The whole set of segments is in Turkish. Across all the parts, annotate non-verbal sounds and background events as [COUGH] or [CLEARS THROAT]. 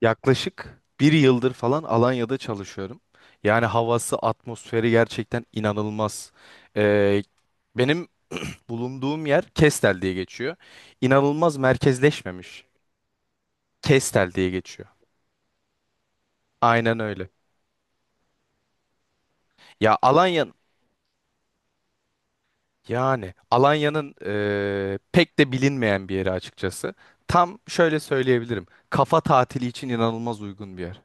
Yaklaşık bir yıldır falan Alanya'da çalışıyorum. Yani havası, atmosferi gerçekten inanılmaz. Ee, benim [CLEARS THROAT] bulunduğum yer Kestel diye geçiyor. İnanılmaz merkezleşmemiş. Kestel diye geçiyor. Aynen öyle. Ya Alanya, yani Alanya'nın pek de bilinmeyen bir yeri açıkçası. Tam şöyle söyleyebilirim. Kafa tatili için inanılmaz uygun bir yer.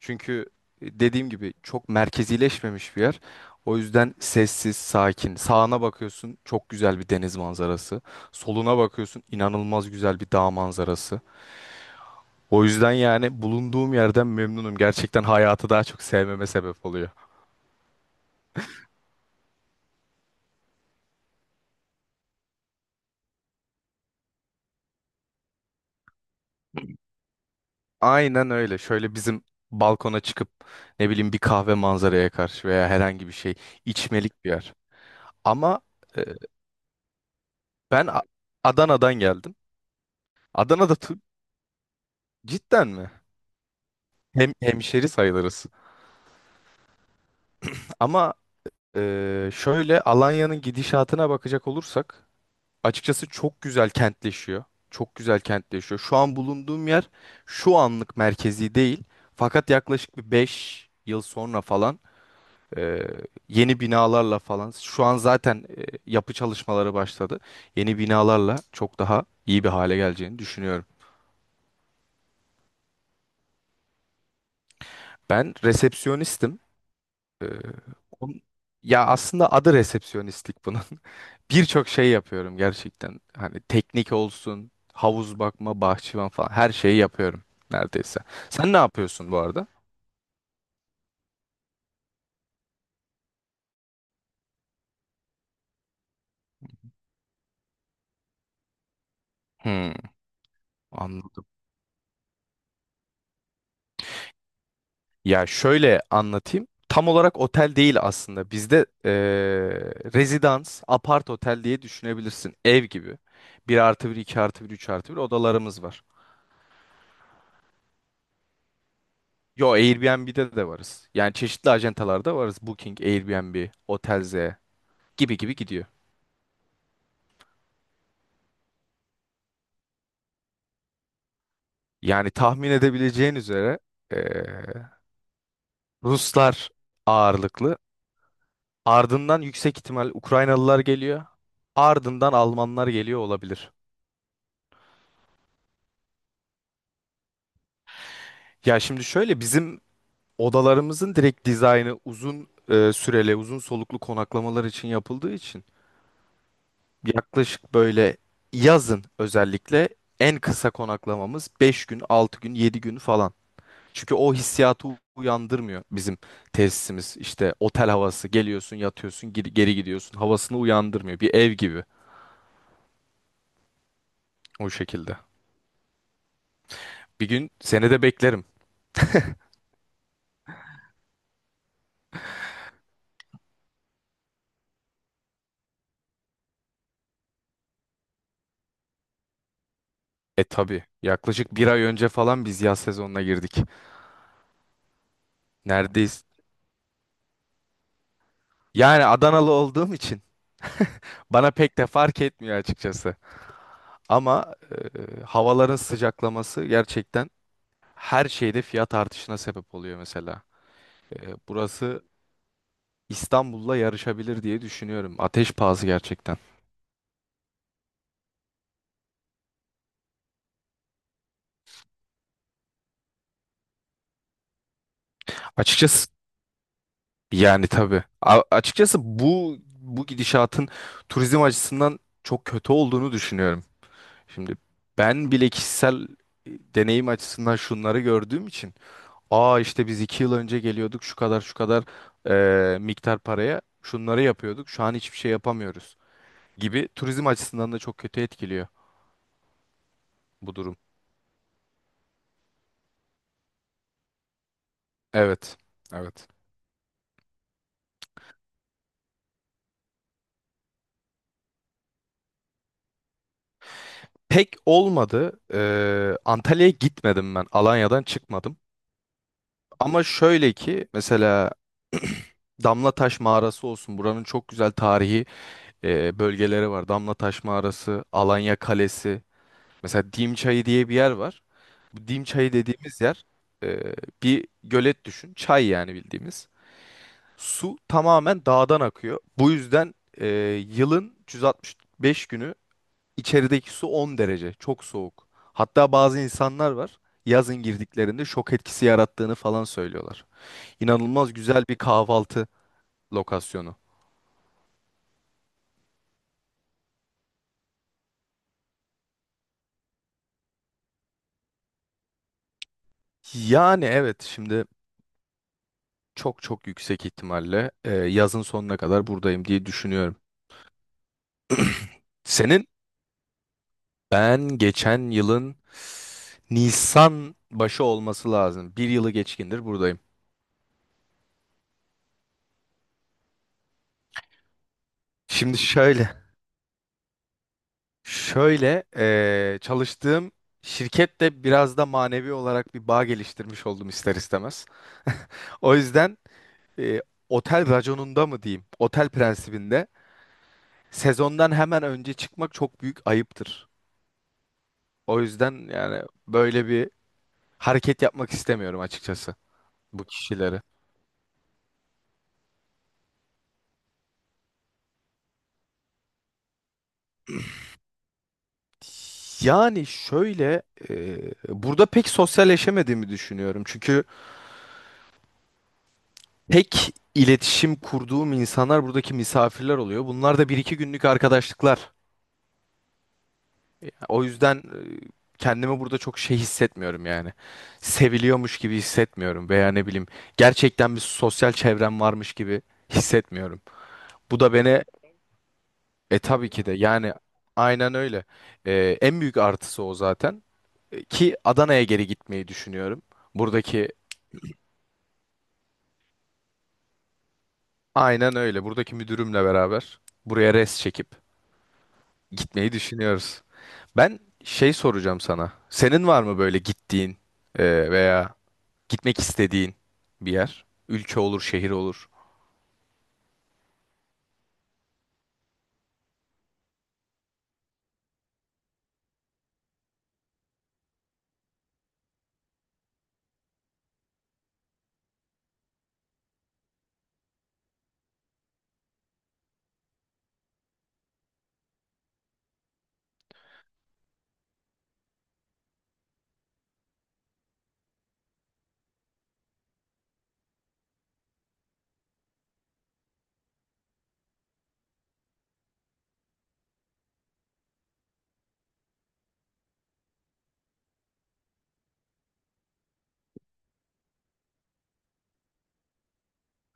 Çünkü dediğim gibi çok merkezileşmemiş bir yer. O yüzden sessiz, sakin. Sağına bakıyorsun çok güzel bir deniz manzarası. Soluna bakıyorsun inanılmaz güzel bir dağ manzarası. O yüzden yani bulunduğum yerden memnunum. Gerçekten hayatı daha çok sevmeme sebep oluyor. Aynen öyle. Şöyle bizim balkona çıkıp ne bileyim bir kahve manzaraya karşı veya herhangi bir şey içmelik bir yer. Ama e, ben A- Adana'dan geldim. Adana'da tu- cidden mi? Hem hemşeri sayılırız. Ama şöyle Alanya'nın gidişatına bakacak olursak açıkçası çok güzel kentleşiyor. Çok güzel kentleşiyor. Şu an bulunduğum yer şu anlık merkezi değil. Fakat yaklaşık bir 5 yıl sonra falan eee, yeni binalarla falan şu an zaten yapı çalışmaları başladı. Yeni binalarla çok daha iyi bir hale geleceğini düşünüyorum. Ben resepsiyonistim. Ee, on- ya aslında adı resepsiyonistlik bunun. [LAUGHS] Birçok şey yapıyorum gerçekten. Hani teknik olsun, havuz bakma, bahçıvan falan her şeyi yapıyorum neredeyse. Sen ne yapıyorsun bu arada? Hmm, anladım. Ya şöyle anlatayım. Tam olarak otel değil aslında. Bizde rezidans, apart otel diye düşünebilirsin. Ev gibi. Bir artı bir, 2 artı bir, 3 artı bir odalarımız var. Yo, Airbnb'de de varız. Yani çeşitli acentalarda varız. Booking, Airbnb, otelze gibi gibi gidiyor. Yani tahmin edebileceğin üzere eee, Ruslar ağırlıklı. Ardından yüksek ihtimal Ukraynalılar geliyor. Ardından Almanlar geliyor olabilir. Ya şimdi şöyle bizim odalarımızın direkt dizaynı uzun süreli, uzun soluklu konaklamalar için yapıldığı için yaklaşık böyle yazın özellikle en kısa konaklamamız 5 gün, 6 gün, 7 gün falan. Çünkü o hissiyatı uyandırmıyor bizim tesisimiz. İşte otel havası geliyorsun yatıyorsun geri gidiyorsun havasını uyandırmıyor. Bir ev gibi o şekilde. Bir gün seni de beklerim. E tabii, yaklaşık bir ay önce falan biz yaz sezonuna girdik. Neredeyiz? Yani Adanalı olduğum için bana pek de fark etmiyor açıkçası. Ama havaların sıcaklaması gerçekten her şeyde fiyat artışına sebep oluyor mesela. E, burası İstanbul'la yarışabilir diye düşünüyorum. Ateş pahası gerçekten. Açıkçası yani tabii. Açıkçası bu gidişatın turizm açısından çok kötü olduğunu düşünüyorum. Şimdi ben bile kişisel deneyim açısından şunları gördüğüm için, aa, işte biz iki yıl önce geliyorduk şu kadar şu kadar miktar paraya şunları yapıyorduk, şu an hiçbir şey yapamıyoruz gibi, turizm açısından da çok kötü etkiliyor bu durum. Evet. Evet. Pek olmadı. E, Antalya'ya gitmedim ben. Alanya'dan çıkmadım. Ama şöyle ki mesela Damlataş Mağarası olsun. Buranın çok güzel tarihi bölgeleri var. Damlataş Mağarası, Alanya Kalesi. Mesela Dimçayı diye bir yer var. Bu Dimçayı dediğimiz yer, e, bir gölet düşün. Çay yani bildiğimiz. Su tamamen dağdan akıyor. Bu yüzden yılın 365 günü içerideki su 10 derece. Çok soğuk. Hatta bazı insanlar var. Yazın girdiklerinde şok etkisi yarattığını falan söylüyorlar. İnanılmaz güzel bir kahvaltı lokasyonu. Yani evet şimdi çok çok yüksek ihtimalle yazın sonuna kadar buradayım diye düşünüyorum. Senin? Ben geçen yılın Nisan başı olması lazım. Bir yılı geçkindir buradayım. Şimdi şöyle, şöyle çalıştığım şirkette biraz da manevi olarak bir bağ geliştirmiş oldum ister istemez. [LAUGHS] O yüzden e, otel raconunda mı diyeyim, otel prensibinde sezondan hemen önce çıkmak çok büyük ayıptır. O yüzden yani böyle bir hareket yapmak istemiyorum açıkçası bu kişileri. Yani şöyle e, burada pek sosyalleşemediğimi düşünüyorum. Çünkü pek iletişim kurduğum insanlar buradaki misafirler oluyor. Bunlar da bir iki günlük arkadaşlıklar. O yüzden kendimi burada çok şey hissetmiyorum yani. Seviliyormuş gibi hissetmiyorum veya ne bileyim gerçekten bir sosyal çevrem varmış gibi hissetmiyorum. Bu da beni. E tabii ki de, yani aynen öyle. E, en büyük artısı o zaten. E, ki Adana'ya geri gitmeyi düşünüyorum. Buradaki aynen öyle. Buradaki müdürümle beraber buraya res çekip gitmeyi düşünüyoruz. Ben şey soracağım sana. Senin var mı böyle gittiğin veya gitmek istediğin bir yer? Ülke olur, şehir olur.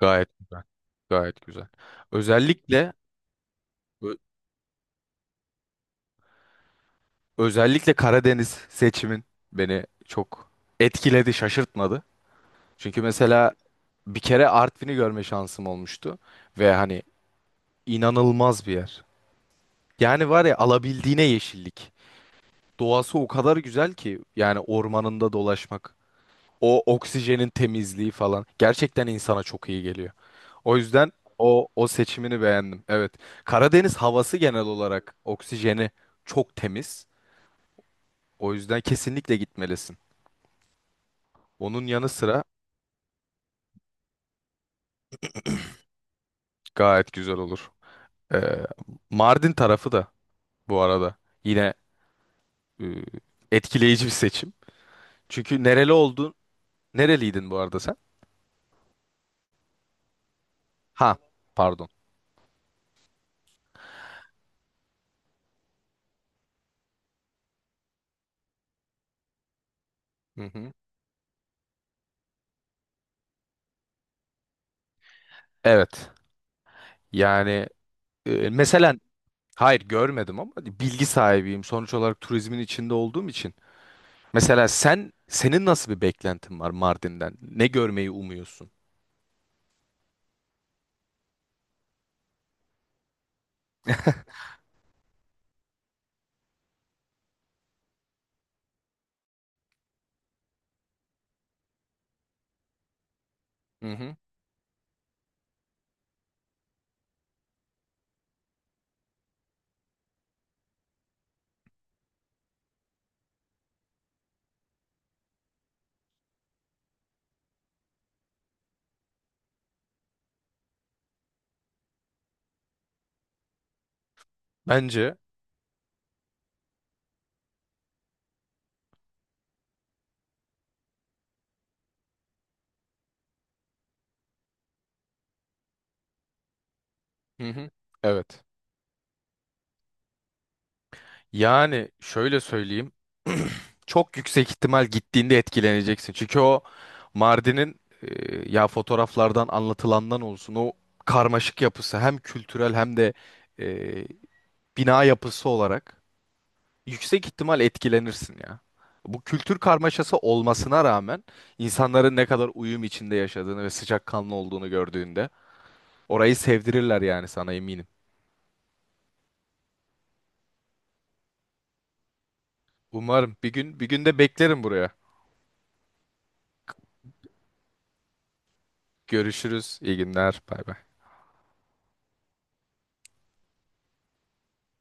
Gayet güzel. Gayet güzel. Özellikle ö- özellikle Karadeniz seçimin beni çok etkiledi, şaşırtmadı. Çünkü mesela bir kere Artvin'i görme şansım olmuştu ve hani inanılmaz bir yer. Yani var ya alabildiğine yeşillik. Doğası o kadar güzel ki yani ormanında dolaşmak, o oksijenin temizliği falan gerçekten insana çok iyi geliyor. O yüzden o seçimini beğendim. Evet. Karadeniz havası genel olarak oksijeni çok temiz. O yüzden kesinlikle gitmelisin. Onun yanı sıra gayet güzel olur. Ee, Mardin tarafı da bu arada yine e, etkileyici bir seçim. Çünkü nereli oldun? Nereliydin bu arada sen? Ha, pardon. Hı hı. Evet. Yani mesela hayır görmedim ama bilgi sahibiyim. Sonuç olarak turizmin içinde olduğum için. Mesela sen, senin nasıl bir beklentin var Mardin'den? Ne görmeyi umuyorsun? Hı hı. Bence. Hı hı. Evet. Yani şöyle söyleyeyim. [CLEARS THROAT] Çok yüksek ihtimal gittiğinde etkileneceksin. Çünkü o Mardin'in, ya fotoğraflardan anlatılandan olsun, o karmaşık yapısı hem kültürel hem de e, bina yapısı olarak yüksek ihtimal etkilenirsin ya. Bu kültür karmaşası olmasına rağmen insanların ne kadar uyum içinde yaşadığını ve sıcakkanlı olduğunu gördüğünde orayı sevdirirler yani sana, eminim. Umarım bir gün, bir gün de beklerim buraya. Görüşürüz. İyi günler. Bay bay.